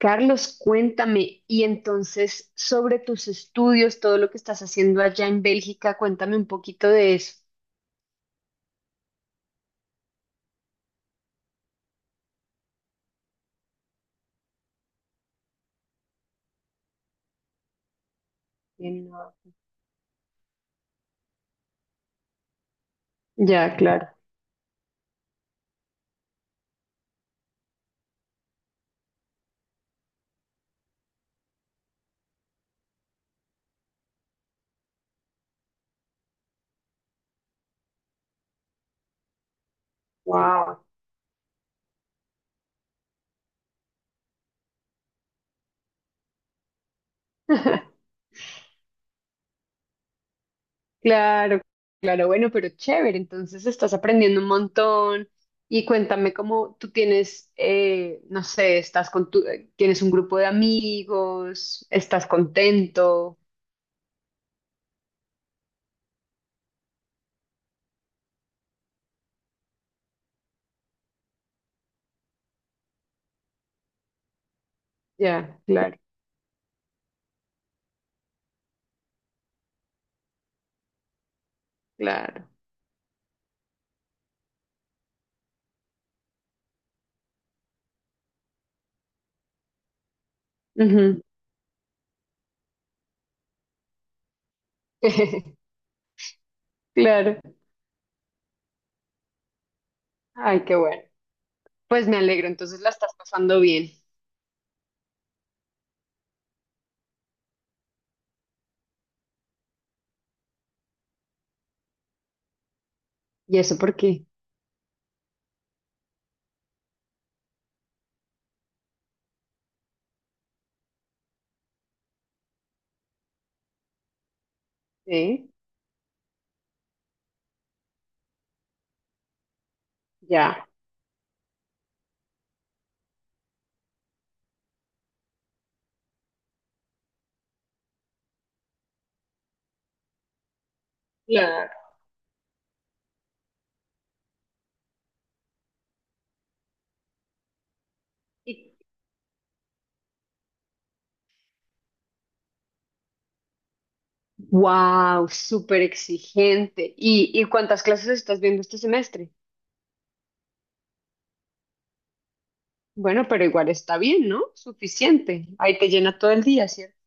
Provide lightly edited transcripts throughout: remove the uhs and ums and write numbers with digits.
Carlos, cuéntame, y entonces sobre tus estudios, todo lo que estás haciendo allá en Bélgica, cuéntame un poquito de eso. Bien, no. Ya, claro. Wow. Claro, claro, bueno, pero chévere, entonces estás aprendiendo un montón y cuéntame cómo tú tienes, no sé, estás con tu, tienes un grupo de amigos, estás contento. Ya, claro, claro. Ujú. Claro. Ay, qué bueno. Pues me alegro, entonces la estás pasando bien. ¿Y eso por qué? ¿Eh? Ya. Claro. Wow, súper exigente. ¿Y, cuántas clases estás viendo este semestre? Bueno, pero igual está bien, ¿no? Suficiente. Ahí te llena todo el día, ¿cierto?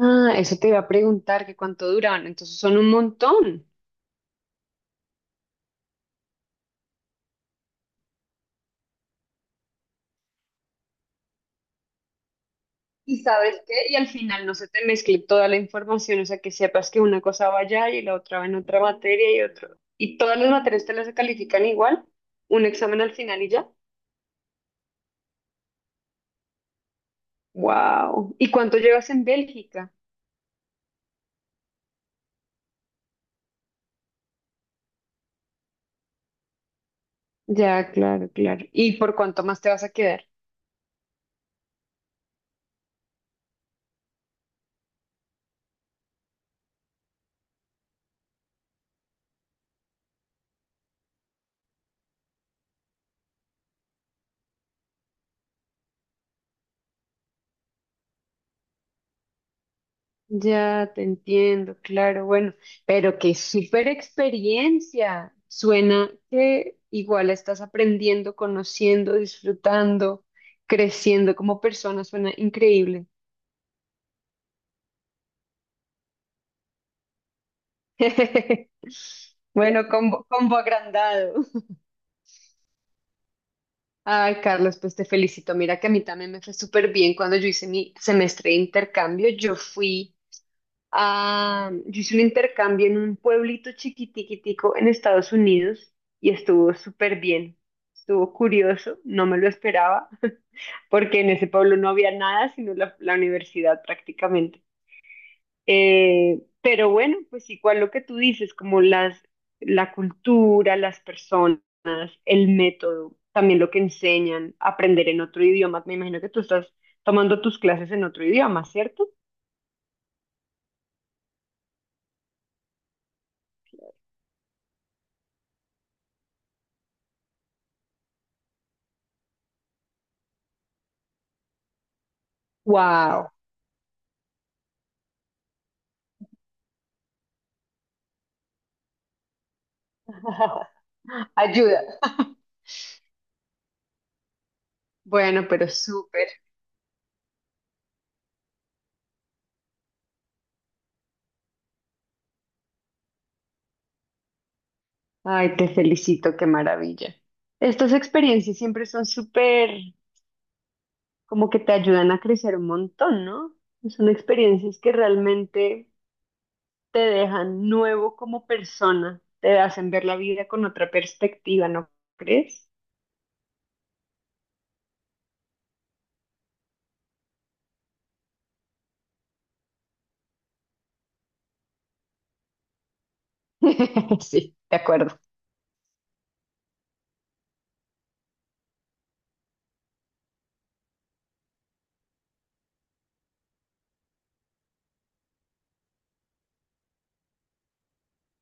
Ah, eso te iba a preguntar que cuánto duraban. Entonces son un montón. Y sabes qué, y al final no se te mezcle toda la información, o sea, que sepas que una cosa va allá y la otra va en otra materia y otro. Y todas las materias te las califican igual, un examen al final y ya. Wow. ¿Y cuánto llevas en Bélgica? Ya, claro, claro. ¿Y por cuánto más te vas a quedar? Ya, te entiendo, claro, bueno, pero qué súper experiencia. Suena que igual estás aprendiendo, conociendo, disfrutando, creciendo como persona, suena increíble. Bueno, combo, combo agrandado. Ay, Carlos, pues te felicito. Mira que a mí también me fue súper bien cuando yo hice mi semestre de intercambio. Yo fui a, yo hice un intercambio en un pueblito chiquitiquitico en Estados Unidos y estuvo súper bien. Estuvo curioso, no me lo esperaba, porque en ese pueblo no había nada, sino la universidad prácticamente. Pero bueno, pues igual lo que tú dices, como la cultura, las personas, el método, también lo que enseñan, aprender en otro idioma. Me imagino que tú estás tomando tus clases en otro idioma, ¿cierto? Wow. Ayuda. Bueno, pero súper. Ay, te felicito, qué maravilla. Estas experiencias siempre son súper, como que te ayudan a crecer un montón, ¿no? Son experiencias que realmente te dejan nuevo como persona, te hacen ver la vida con otra perspectiva, ¿no crees? Sí, de acuerdo.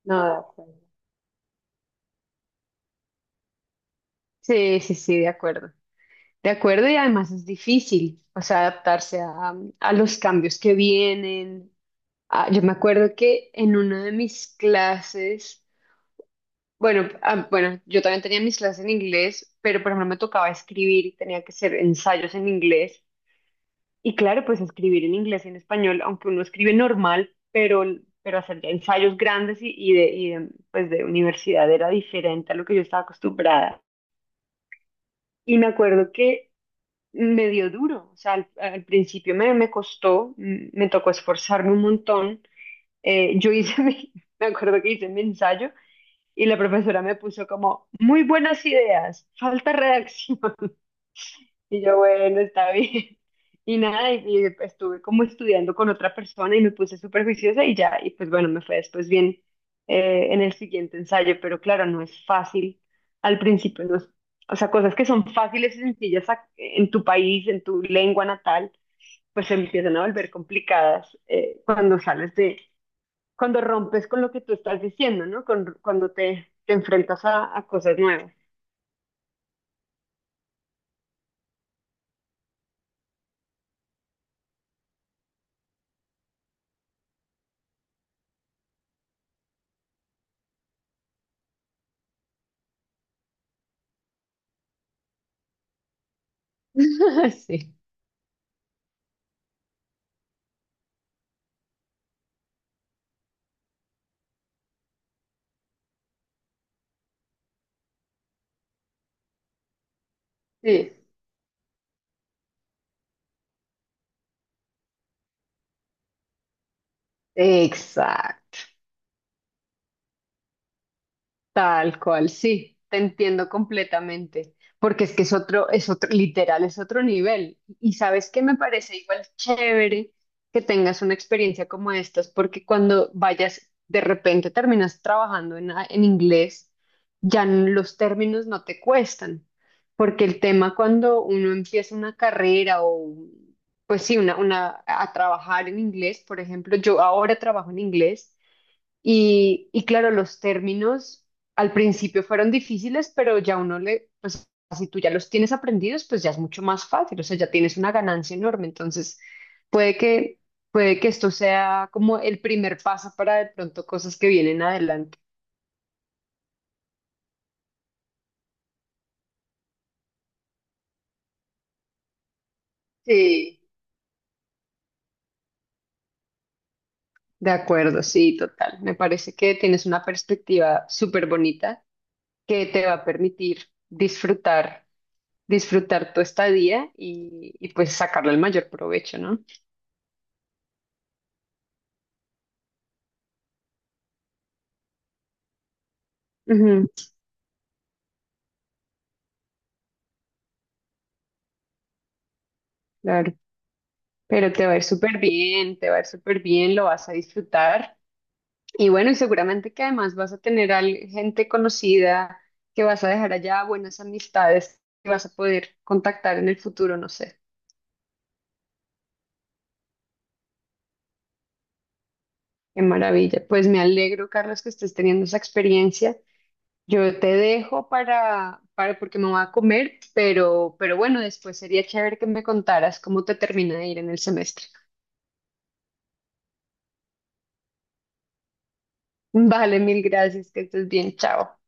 No, de acuerdo. Sí, sí, sí, de acuerdo. De acuerdo, y además es difícil, o sea, adaptarse a los cambios que vienen. Ah, yo me acuerdo que en una de mis clases, bueno, ah, bueno, yo también tenía mis clases en inglés, pero por ejemplo me tocaba escribir y tenía que hacer ensayos en inglés. Y claro, pues escribir en inglés y en español, aunque uno escribe normal, pero hacer ya ensayos grandes pues de universidad era diferente a lo que yo estaba acostumbrada. Y me acuerdo que me dio duro, o sea, al principio me costó, me tocó esforzarme un montón. Yo hice me acuerdo que hice mi ensayo y la profesora me puso como, muy buenas ideas, falta redacción. Y yo, bueno, está bien. Y nada, y estuve como estudiando con otra persona y me puse súper juiciosa y ya, y pues bueno, me fue después bien en el siguiente ensayo, pero claro, no es fácil al principio, no es- o sea, cosas que son fáciles y sencillas ac- en tu país, en tu lengua natal, pues se empiezan a volver complicadas cuando sales de, cuando rompes con lo que tú estás diciendo, ¿no? Con- cuando te enfrentas a cosas nuevas. Sí. Sí, exacto. Tal cual, sí, te entiendo completamente, porque es que es otro, literal, es otro nivel. Y sabes que me parece igual chévere que tengas una experiencia como estas, porque cuando vayas, de repente terminas trabajando en, a- en inglés, ya n- los términos no te cuestan, porque el tema cuando uno empieza una carrera o, pues sí, una, a trabajar en inglés, por ejemplo, yo ahora trabajo en inglés. Y claro, los términos al principio fueron difíciles, pero ya uno le, pues si tú ya los tienes aprendidos, pues ya es mucho más fácil, o sea, ya tienes una ganancia enorme. Entonces, puede que, puede que esto sea como el primer paso para de pronto cosas que vienen adelante. Sí. De acuerdo, sí, total. Me parece que tienes una perspectiva súper bonita que te va a permitir disfrutar, disfrutar tu estadía y pues sacarle el mayor provecho, ¿no? Ujú, claro. Pero te va a ir súper bien, te va a ir súper bien, lo vas a disfrutar. Y bueno, y seguramente que además vas a tener al- gente conocida que vas a dejar allá, buenas amistades que vas a poder contactar en el futuro, no sé. Qué maravilla. Pues me alegro, Carlos, que estés teniendo esa experiencia. Yo te dejo para porque me voy a comer, pero bueno, después sería chévere que me contaras cómo te termina de ir en el semestre. Vale, mil gracias, que estés bien, chao.